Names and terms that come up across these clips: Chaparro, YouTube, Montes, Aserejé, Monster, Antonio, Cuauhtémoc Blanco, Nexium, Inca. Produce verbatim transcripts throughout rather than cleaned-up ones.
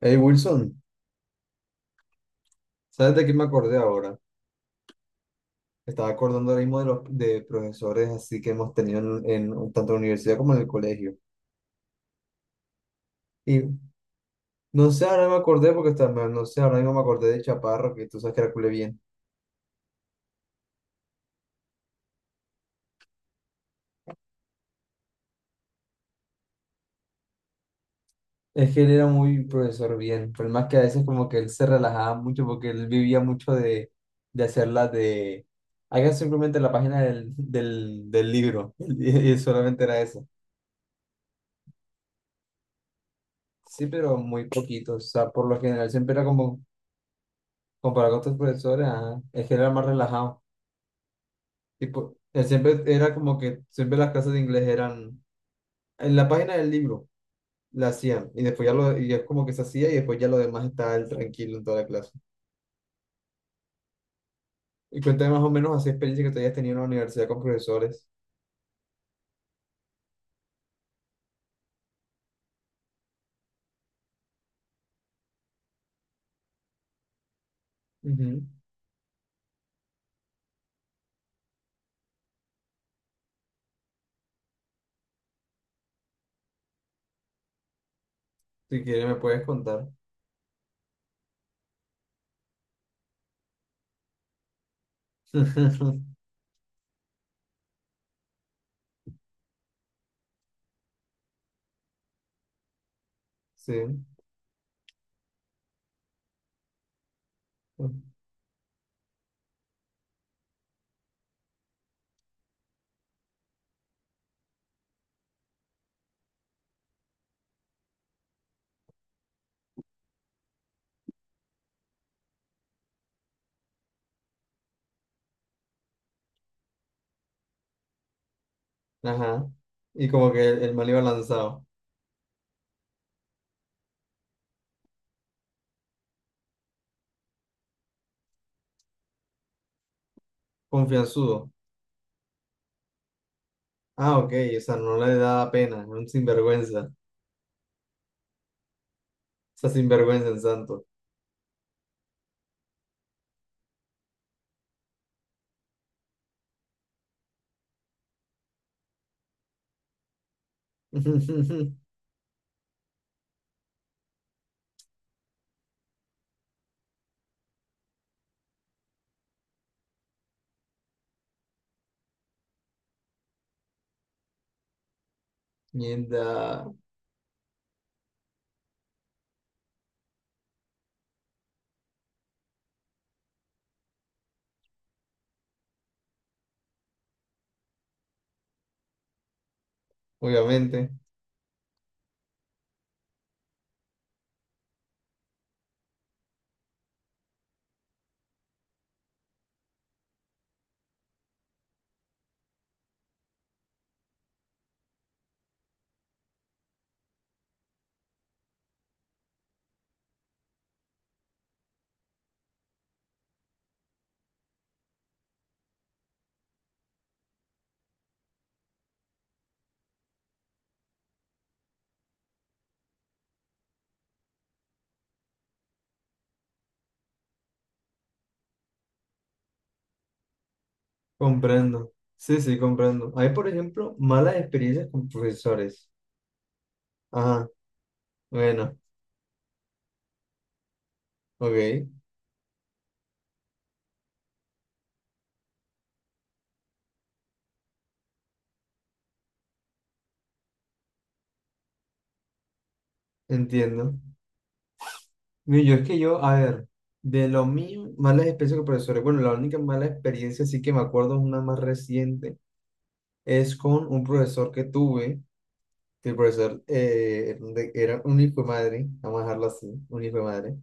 Hey Wilson, ¿sabes de qué me acordé ahora? Estaba acordando ahora mismo de los de profesores así que hemos tenido en, en tanto en la universidad como en el colegio. Y no sé, ahora me acordé porque está- me- no sé, ahora mismo me acordé de Chaparro, que tú sabes que era cule bien. Es que él era muy profesor bien, pero más que a veces como que él se relajaba mucho porque él vivía mucho de, de hacerla de... Haga simplemente la página del, del, del libro y, y solamente era eso. Sí, pero muy poquito, o sea, por lo general siempre era como comparado con otros profesores, ajá, es que era más relajado. Tipo, él siempre era como que siempre las clases de inglés eran en la página del libro, la hacían, y después ya lo, y es como que se hacía, y después ya lo demás estaba él tranquilo en toda la clase. Y cuéntame más o menos así experiencia que tú hayas tenido en la universidad con profesores. Ujú. Si quieres, me puedes contar. Sí. Ajá. Y como que el, el man iba lanzado, confianzudo. Ah, ok, o sea, no le daba pena, era un sinvergüenza. O sea, sinvergüenza en santo. Mierda, obviamente, comprendo. Sí, sí, comprendo. Hay, por ejemplo, malas experiencias con profesores. Ajá, bueno, ok, entiendo. Mira, yo es que yo, a ver, de lo mío, malas experiencias con profesores. Bueno, la única mala experiencia sí que me acuerdo es una más reciente. Es con un profesor que tuve, que el profesor eh, de- era un hijo de madre, vamos a dejarlo así, un hijo de madre.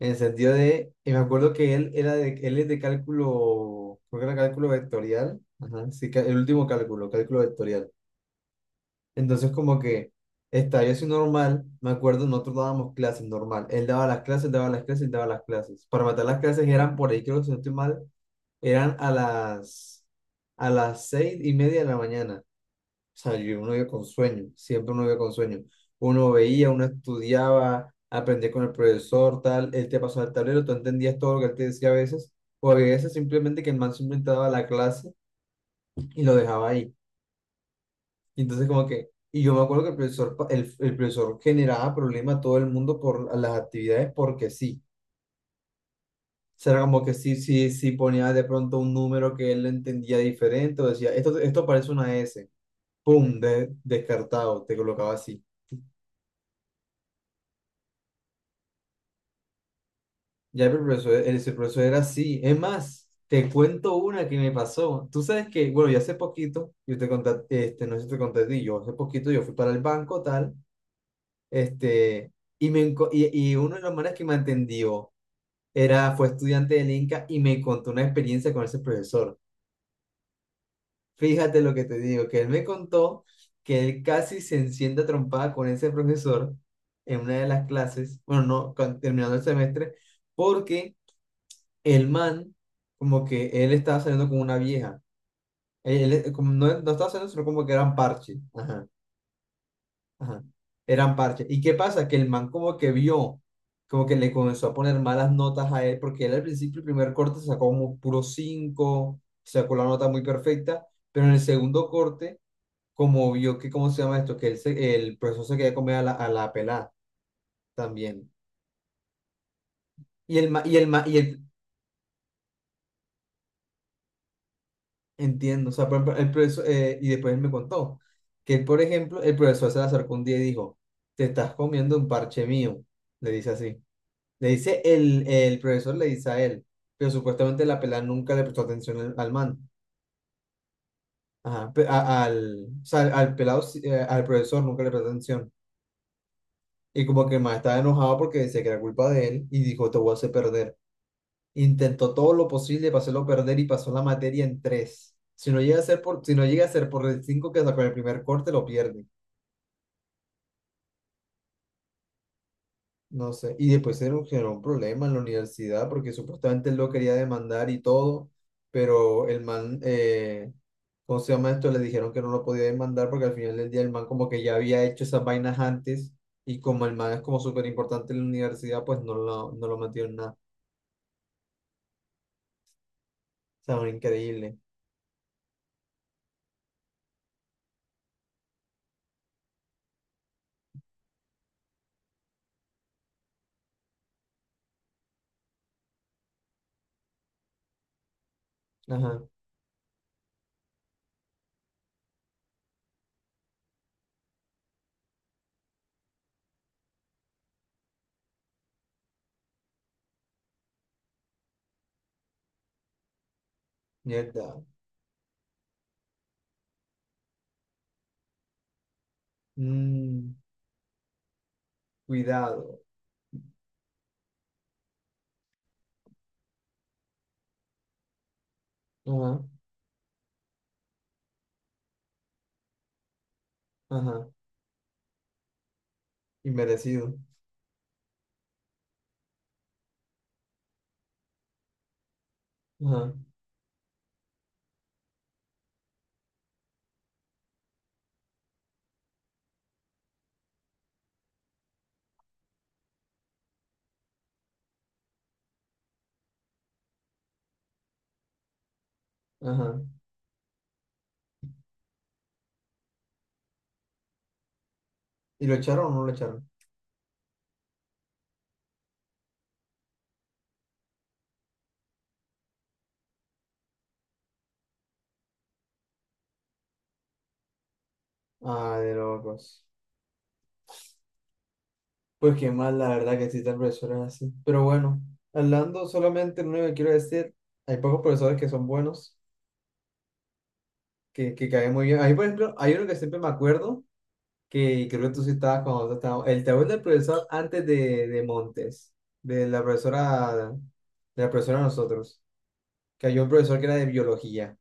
En el sentido de, y me acuerdo que él era de, él es de cálculo, creo que era cálculo vectorial, ajá, sí, ca- el último cálculo, cálculo vectorial. Entonces como que estaba yo así normal, me acuerdo, nosotros dábamos clases normal, él daba las clases, daba las clases, daba las clases. Para matar las clases eran por ahí, creo que si no estoy mal, eran a las, a las seis y media de la mañana. O sea, yo, uno iba con sueño, siempre uno iba con sueño. Uno veía, uno estudiaba, aprendía con el profesor, tal, él te pasaba el tablero, tú entendías todo lo que él te decía a veces, o a veces simplemente que el man simplemente daba la clase y lo dejaba ahí. Y entonces como que, y yo me acuerdo que el profesor, pa- el, el profesor generaba problemas a todo el mundo por las actividades porque sí. O sea, era como que sí, sí, sí ponía de pronto un número que él entendía diferente, o decía, esto, esto parece una S, pum, de- descartado, te colocaba así. Ya pero el profesor, ese profesor era así. Es más, te cuento una que me pasó. Tú sabes que, bueno, yo hace poquito, yo te conté, este, no sé si te conté a ti, yo hace poquito yo fui para el banco, tal, este, y, me, enco- y, y uno de los manes que me atendió era, fue estudiante del Inca y me contó una experiencia con ese profesor. Fíjate lo que te digo, que él me contó que él casi se enciende a trompada con ese profesor en una de las clases, bueno, no, con- terminando el semestre, porque el man, como que él estaba saliendo con una vieja. Él, él- eh, como no, no estaba saliendo, sino como que eran parches. Ajá, ajá. Eran parches. ¿Y qué pasa? Que el man como que vio, como que le comenzó a poner malas notas a él, porque él al principio, el primer corte sacó como puro cinco, sacó la nota muy perfecta, pero en el segundo corte, como vio que, ¿cómo se llama esto? Que él se- el profesor se quería comer a la, a la pelada también. Y el, ma- y el, ma- y el, Entiendo, o sea, por ejemplo, el profesor, eh, y después él me contó que él, por ejemplo, el profesor se le acercó un día y dijo, te estás comiendo un parche mío, le dice así. Le dice el, el profesor, le dice a él, pero supuestamente la pelada nunca le prestó atención al, al man. Ajá, pe- a- al, o sea, al pelado, sí, eh, al profesor nunca le prestó atención. Y como que el man estaba enojado porque decía que era culpa de él y dijo, te voy a hacer perder. Intentó todo lo posible para hacerlo perder y pasó la materia en tres. Si no llega a ser por, si no llega a ser por el cinco que sacó en el primer corte, lo pierde. No sé. Y después era un, generó un problema en la universidad porque supuestamente él lo quería demandar y todo, pero el man, eh, ¿cómo se llama esto? Le dijeron que no lo podía demandar porque al final del día el man como que ya había hecho esas vainas antes y como el man es como súper importante en la universidad, pues no lo, no lo metió en nada. O sea, increíble. Ajá, mierda. Mm, cuidado. Ajá, ajá, inmerecido. Ajá, ajá. ¿Y lo echaron o no lo echaron? Ah, de locos. Pues qué mal, la verdad, que existen tal así. Pero bueno, hablando solamente, lo único que quiero decir, hay pocos profesores que son buenos, que, que caen muy bien. A mí, por ejemplo, hay uno que siempre me acuerdo, que creo que tú sí estabas cuando tú estabas, el tabú del profesor antes de, de Montes, de la profesora, de la profesora de nosotros, que había un profesor que era de biología.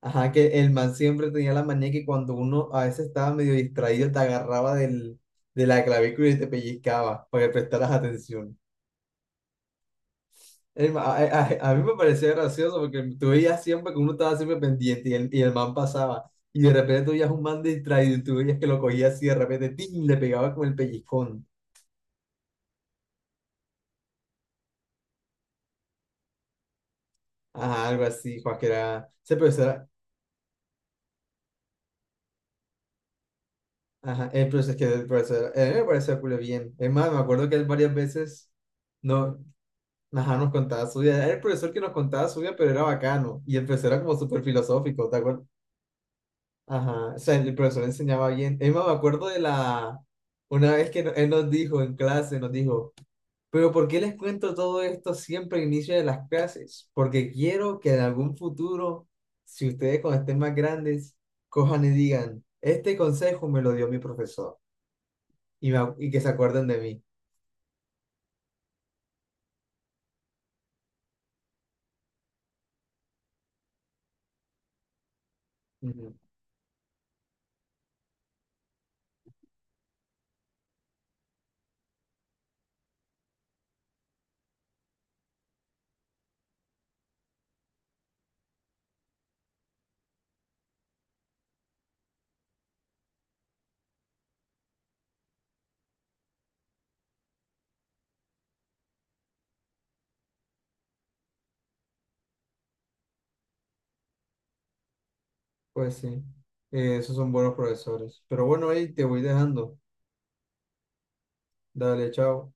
Ajá, que el man siempre tenía la manía que cuando uno a veces estaba medio distraído, te agarraba del, de la clavícula y te pellizcaba para que prestaras atención. El ma- a, a- a mí me parecía gracioso porque tú veías siempre que uno estaba siempre pendiente y el, y el man pasaba. Y de repente tú veías un man distraído y tú veías que lo cogía así de repente, ¡tin!, le pegaba con el pellizcón. Ajá, algo así, Juan, que era... Ese profesor, era... ajá, el profesor, es que el profesor, a mí me parecía culo bien. Es más, me acuerdo que él varias veces... No, ajá, nos contaba su vida. Era el profesor que nos contaba su vida, pero era bacano. Y el profesor era como súper filosófico, ¿te acuerdas? Ajá, o sea, el profesor enseñaba bien. Es más, me acuerdo de la... Una vez que no- él nos dijo en clase, nos dijo, pero ¿por qué les cuento todo esto siempre al inicio de las clases? Porque quiero que en algún futuro, si ustedes cuando estén más grandes, cojan y digan, este consejo me lo dio mi profesor. Y, me ac- y que se acuerden de mí. Ujú. Pues sí, eh, esos son buenos profesores. Pero bueno, ahí te voy dejando. Dale, chao.